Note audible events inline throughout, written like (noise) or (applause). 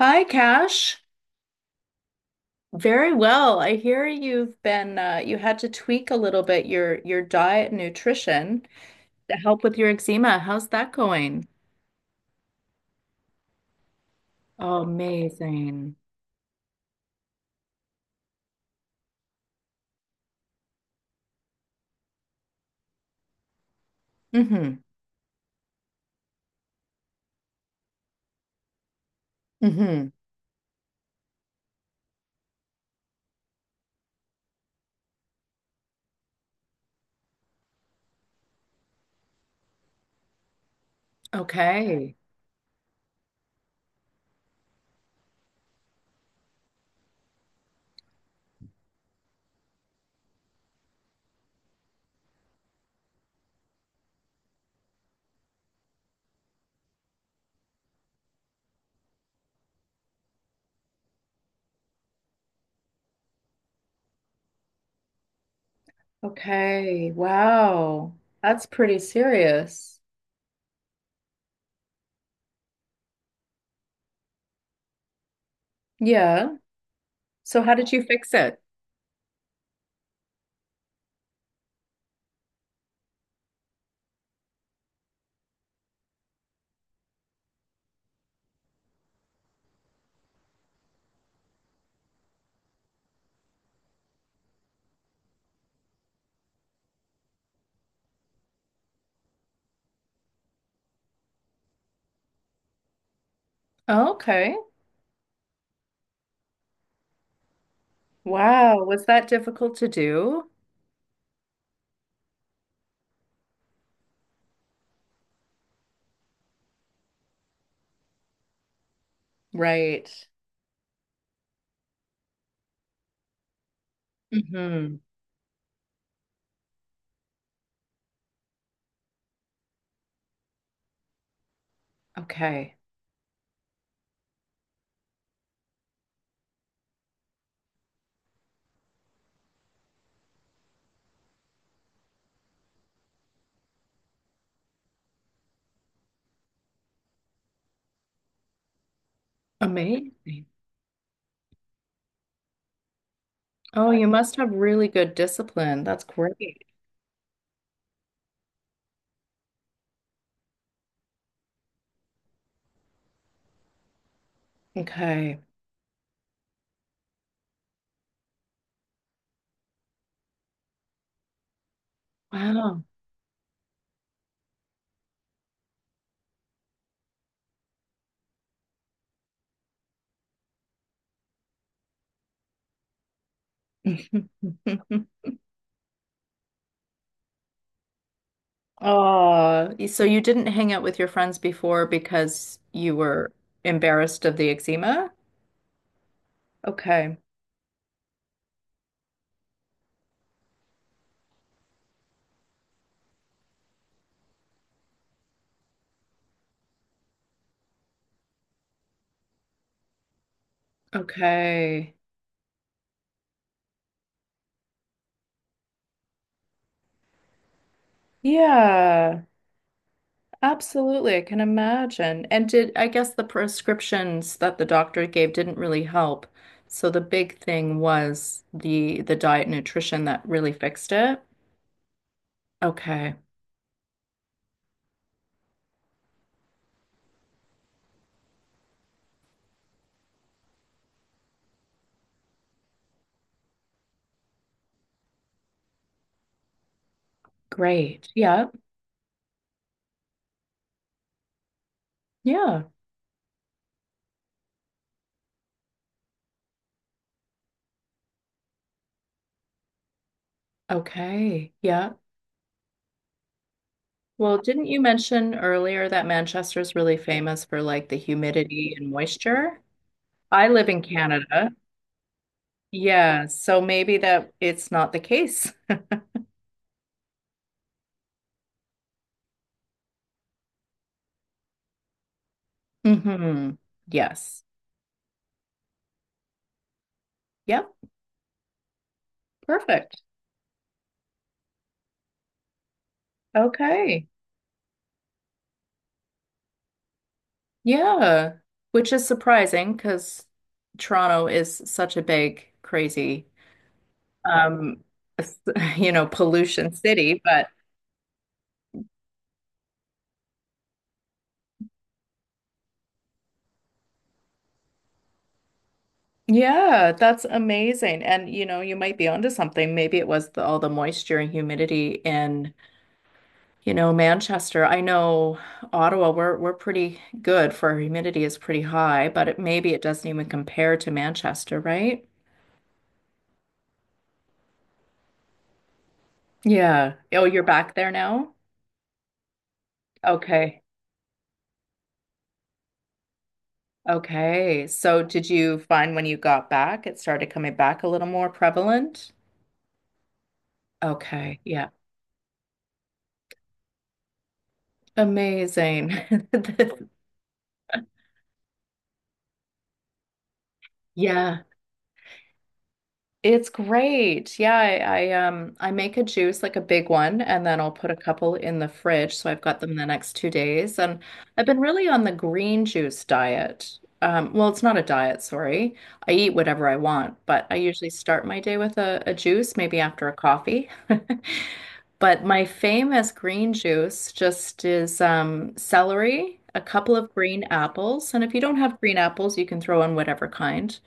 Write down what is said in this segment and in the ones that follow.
Hi, Cash. Very well. I hear you've been you had to tweak a little bit your diet and nutrition to help with your eczema. How's that going? Oh, amazing. Mm-hmm. Mm-hmm. Okay. Okay. Wow. That's pretty serious. Yeah. So how did you fix it? Oh, okay. Wow. Was that difficult to do? Right. Mm-hmm. Okay. Amazing. Oh, you must have really good discipline. That's great. Okay. Wow. (laughs) Oh, so you didn't hang out with your friends before because you were embarrassed of the eczema? Okay. Okay. Yeah, absolutely. I can imagine. And did I guess the prescriptions that the doctor gave didn't really help. So the big thing was the diet and nutrition that really fixed it. Okay. Great. Yeah. Yeah. Okay. Yeah. Well, didn't you mention earlier that Manchester's really famous for like the humidity and moisture? I live in Canada. Yeah, so maybe that it's not the case. (laughs) Hmm. Yes. Yep. Perfect. Okay. Yeah. Which is surprising because Toronto is such a big, crazy, um, s- (laughs) you know, pollution city, but yeah, that's amazing. And you know, you might be onto something. Maybe it was all the moisture and humidity in, you know, Manchester. I know Ottawa, we're pretty good for our humidity is pretty high, but it, maybe it doesn't even compare to Manchester, right? Yeah. Oh, you're back there now? Okay. Okay. So did you find when you got back, it started coming back a little more prevalent? Okay. Yeah. Amazing. (laughs) Yeah. It's great. Yeah, I I make a juice like a big one and then I'll put a couple in the fridge so I've got them the next 2 days. And I've been really on the green juice diet. Um, well, it's not a diet, sorry. I eat whatever I want, but I usually start my day with a juice, maybe after a coffee. (laughs) But my famous green juice just is celery, a couple of green apples, and if you don't have green apples, you can throw in whatever kind.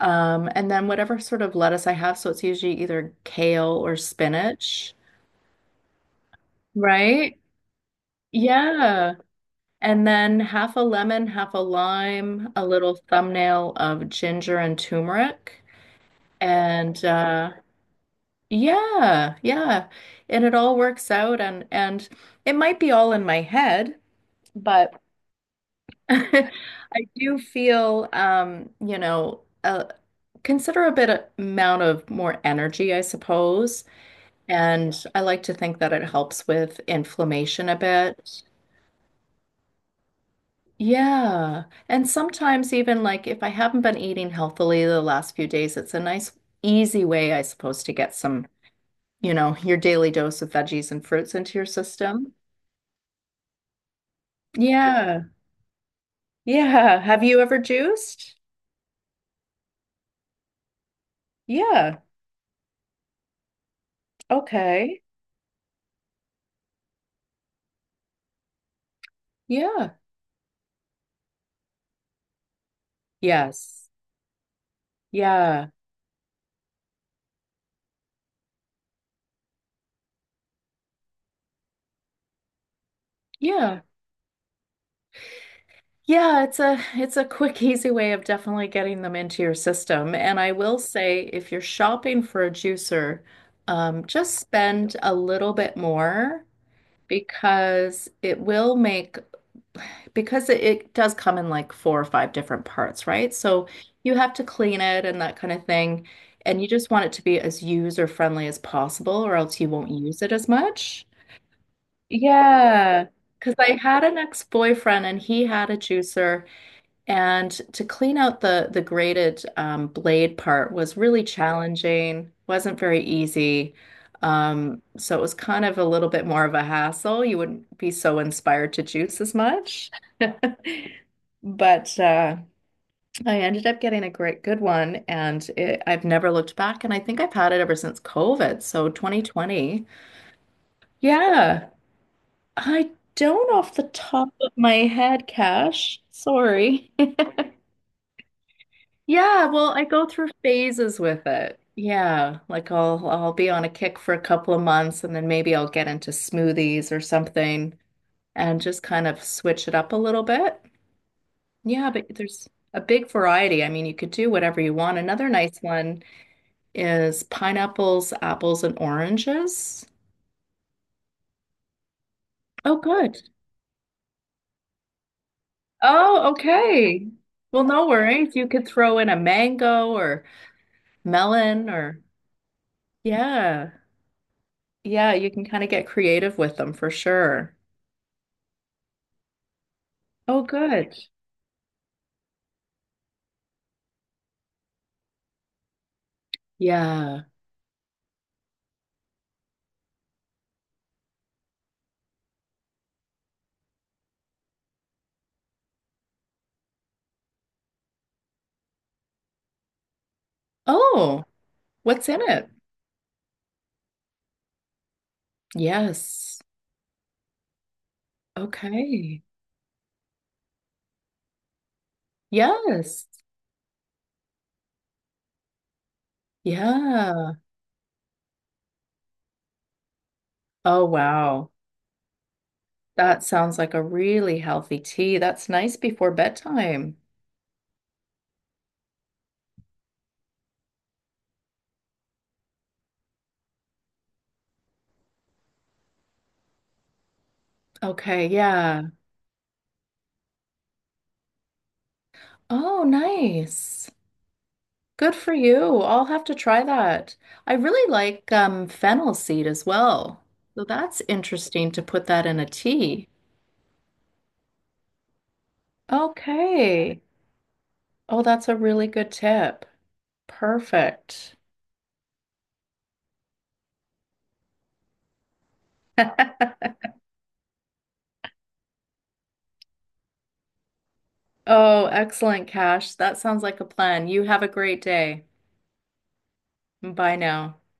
And then whatever sort of lettuce I have, so it's usually either kale or spinach, right? Yeah. And then half a lemon, half a lime, a little thumbnail of ginger and turmeric. And yeah, yeah. And it all works out. And it might be all in my head, but (laughs) I do feel you know, a considerable amount of more energy, I suppose. And I like to think that it helps with inflammation a bit. Yeah. And sometimes even like if I haven't been eating healthily the last few days, it's a nice easy way, I suppose, to get some, you know, your daily dose of veggies and fruits into your system. Yeah. Yeah. Have you ever juiced? Yeah. Okay. Yeah. Yes. Yeah. Yeah. Yeah, it's a quick, (laughs) easy way of definitely getting them into your system. And I will say, if you're shopping for a juicer, just spend a little bit more because it will make because it does come in like four or five different parts, right? So you have to clean it and that kind of thing. And you just want it to be as user friendly as possible, or else you won't use it as much. Yeah. Because I had an ex-boyfriend and he had a juicer. And to clean out the graded blade part was really challenging, wasn't very easy. So it was kind of a little bit more of a hassle. You wouldn't be so inspired to juice as much. (laughs) But I ended up getting a great good one, and I've never looked back. And I think I've had it ever since COVID, so 2020. Yeah, I don't off the top of my head, Cash. Sorry. (laughs) Yeah, well, I go through phases with it. Yeah, like I'll be on a kick for a couple of months and then maybe I'll get into smoothies or something and just kind of switch it up a little bit. Yeah, but there's a big variety. I mean, you could do whatever you want. Another nice one is pineapples, apples, and oranges. Oh, good. Oh, okay. Well, no worries. You could throw in a mango or melon or yeah. Yeah, you can kind of get creative with them for sure. Oh, good. Yeah. Oh, what's in it? Yes. Okay. Yes. Yeah. Oh, wow. That sounds like a really healthy tea. That's nice before bedtime. Okay, yeah. Oh, nice. Good for you. I'll have to try that. I really like fennel seed as well. So that's interesting to put that in a tea. Okay. Oh, that's a really good tip. Perfect. (laughs) Oh, excellent, Cash. That sounds like a plan. You have a great day. Bye now.